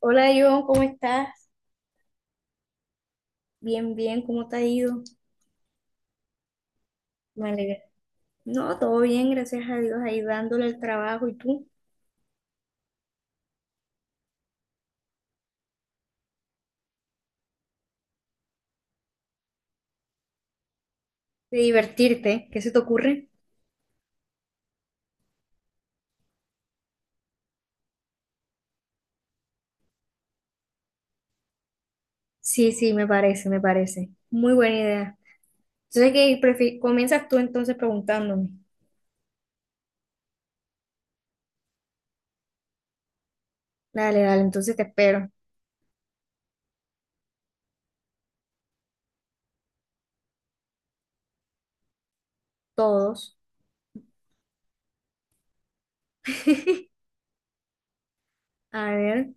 Hola John, ¿cómo estás? Bien, bien, ¿cómo te ha ido? Me alegra. No, todo bien, gracias a Dios, ahí dándole el trabajo y tú, de divertirte, ¿qué se te ocurre? Sí, sí, me parece, me parece. Muy buena idea. Entonces, comienzas tú entonces preguntándome? Dale, dale, entonces te espero. Todos. A ver,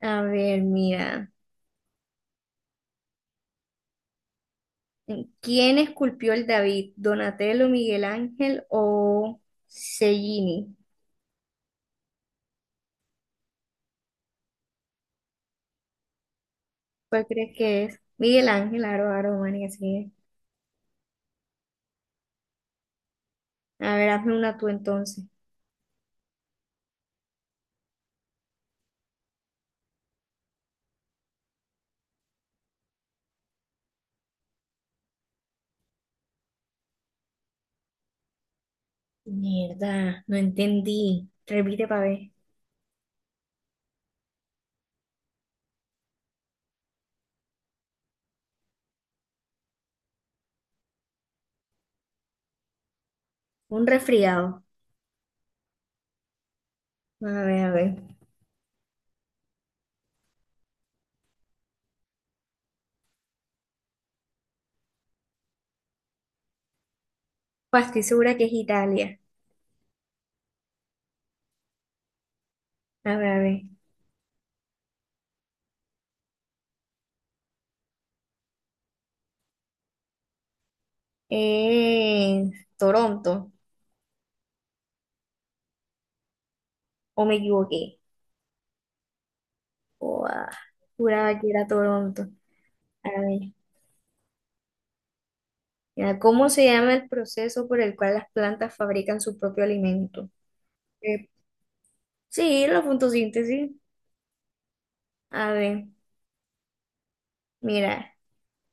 a ver, mira. ¿Quién esculpió el David? ¿Donatello, Miguel Ángel o Cellini? ¿Cuál crees que es? Miguel Ángel, Aro, Aro, María. A ver, hazme una tú entonces. Mierda, no entendí. Repite para ver. Un resfriado. A ver, a ver. Pues estoy segura que es Italia. A ver, a ver. Eh, Toronto. ¿O me equivoqué? Buah, juraba que era Toronto. A ver. Ya, ¿cómo se llama el proceso por el cual las plantas fabrican su propio alimento? Eh, sí, la fotosíntesis. A ver, mira.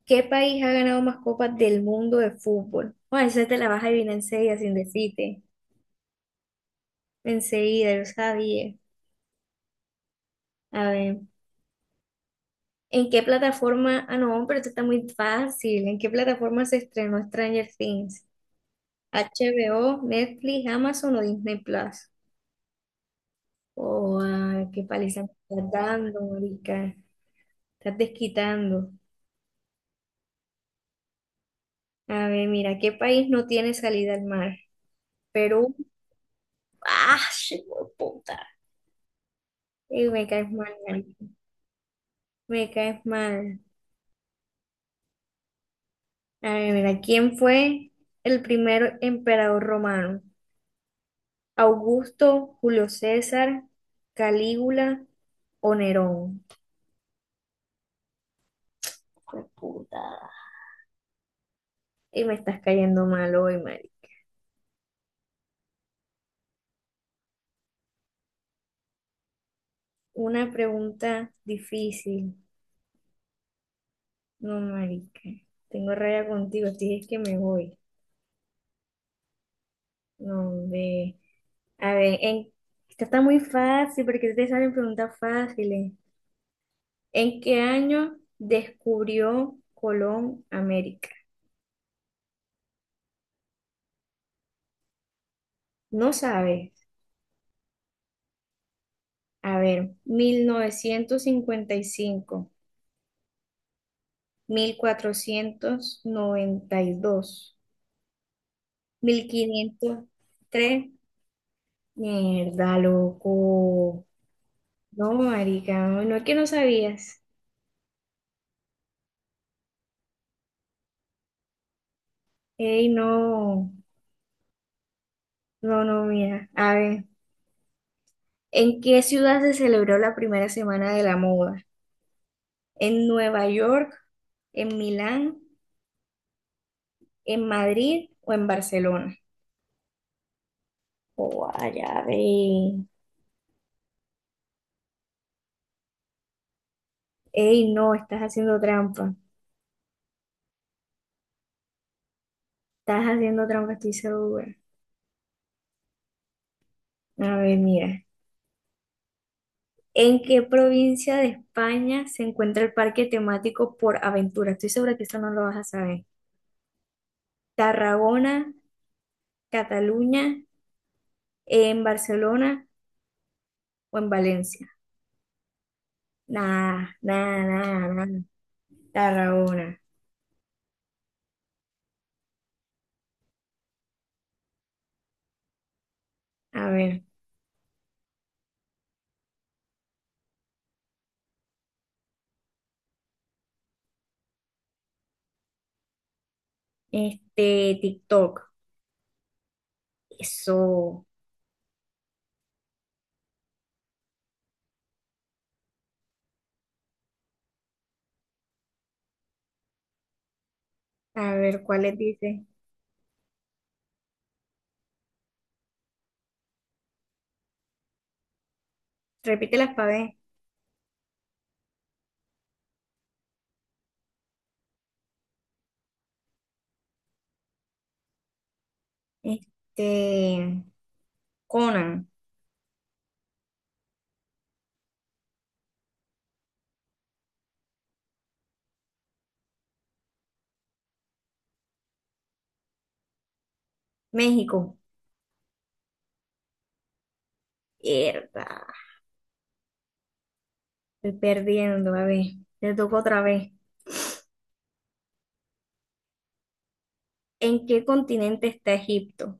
¿Qué país ha ganado más copas del mundo de fútbol? Bueno, esa te la vas a adivinar enseguida sin decirte. Enseguida, yo sabía. A ver, ¿en qué plataforma? Ah, no, pero esto está muy fácil. ¿En qué plataforma se estrenó Stranger Things? HBO, Netflix, Amazon o Disney Plus. Oh, ah, qué paliza me estás dando, marica. Estás desquitando. A ver, mira, ¿qué país no tiene salida al mar? Perú. ¡Ah, sí, puta! Ey, me caes mal, marica. Me caes mal. A ver, mira, ¿quién fue el primer emperador romano? ¿Augusto, Julio César, Calígula o Nerón? Fue puta. Y me estás cayendo mal hoy, Mari. Una pregunta difícil. No, marica. Tengo raya contigo. Te dije que me voy. No, ve. A ver, esta está muy fácil porque te salen preguntas fáciles. ¿En qué año descubrió Colón América? No sabes. A ver, mil novecientos cincuenta y cinco, 1492, 1503. Mierda, loco. No, marica, no, no es que no sabías. Ey, no, no, no, mira. A ver, ¿en qué ciudad se celebró la primera semana de la moda? ¿En Nueva York, en Milán, en Madrid o en Barcelona? Oh, ya ve. Ey, no, estás haciendo trampa. Estás haciendo trampa, estoy segura. A ver, mira. ¿En qué provincia de España se encuentra el parque temático Por Aventura? Estoy segura que esto no lo vas a saber. ¿Tarragona, Cataluña, en Barcelona o en Valencia? Nada, nada, nada, nada. Tarragona. A ver. TikTok. Eso. A ver, ¿cuáles dice? Repítelas para ver. Este, Conan. México. Mierda. Estoy perdiendo, a ver, te toco otra vez. ¿En qué continente está Egipto?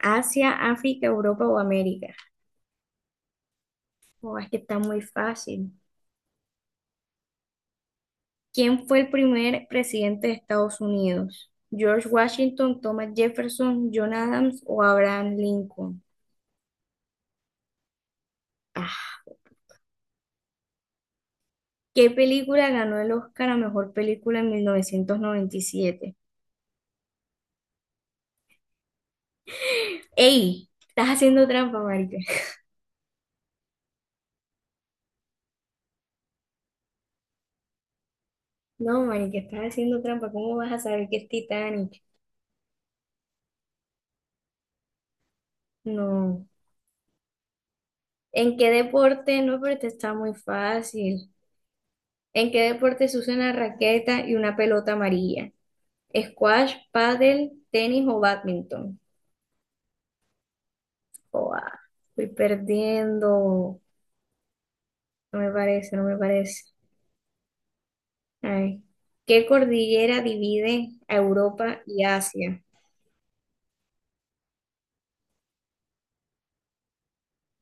¿Asia, África, Europa o América? Oh, es que está muy fácil. ¿Quién fue el primer presidente de Estados Unidos? ¿George Washington, Thomas Jefferson, John Adams o Abraham Lincoln? Ah, ¿qué película ganó el Oscar a mejor película en 1997? ¡Ey! Estás haciendo trampa, marica. No, marica, estás haciendo trampa. ¿Cómo vas a saber que es Titanic? No. ¿En qué deporte? No, pero esta está muy fácil. ¿En qué deporte se usa una raqueta y una pelota amarilla? ¿Squash, pádel, tenis o badminton? Joa, estoy perdiendo. No me parece, no me parece. Ay. ¿Qué cordillera divide a Europa y Asia?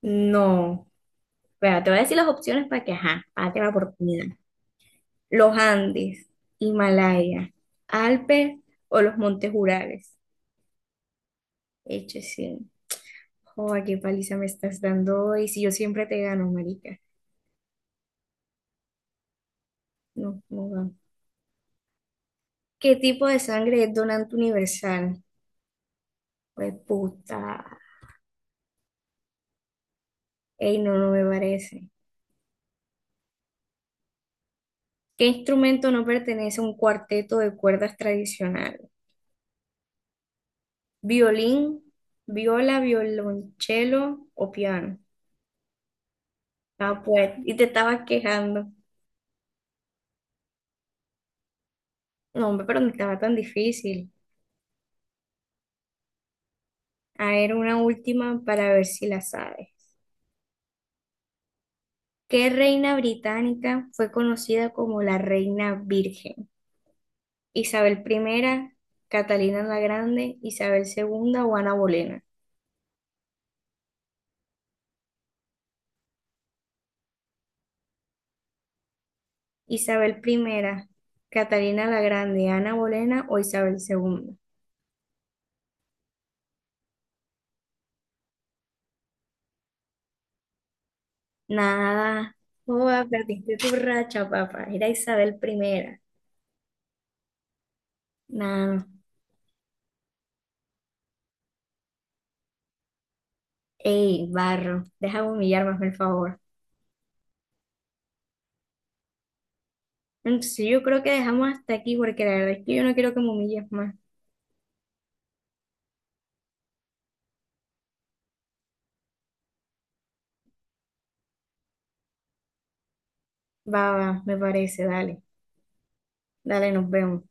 No. Espera, te voy a decir las opciones para que, ajá, para que la oportunidad. Los Andes, Himalaya, Alpes o los Montes Urales. Eche sí. Joder, qué paliza me estás dando hoy. Si yo siempre te gano, marica. No, no gano. ¿Qué tipo de sangre es donante universal? Pues puta. Ey, no, no me parece. ¿Qué instrumento no pertenece a un cuarteto de cuerdas tradicional? ¿Violín, viola, violonchelo o piano? Ah, pues, y te estabas quejando. No, hombre, pero no estaba tan difícil. A ver, una última para ver si la sabes. ¿Qué reina británica fue conocida como la reina virgen? Isabel primera, Catalina la Grande, Isabel segunda, o Ana Bolena. Isabel primera, Catalina la Grande, Ana Bolena o Isabel segunda. Nada. Joda, perdiste tu racha, papá. Era Isabel primera. Nada. Ey, barro. Deja de humillarme, hazme el favor. Entonces yo creo que dejamos hasta aquí porque la verdad es que yo no quiero que me humilles más. Va, va, me parece. Dale. Dale, nos vemos.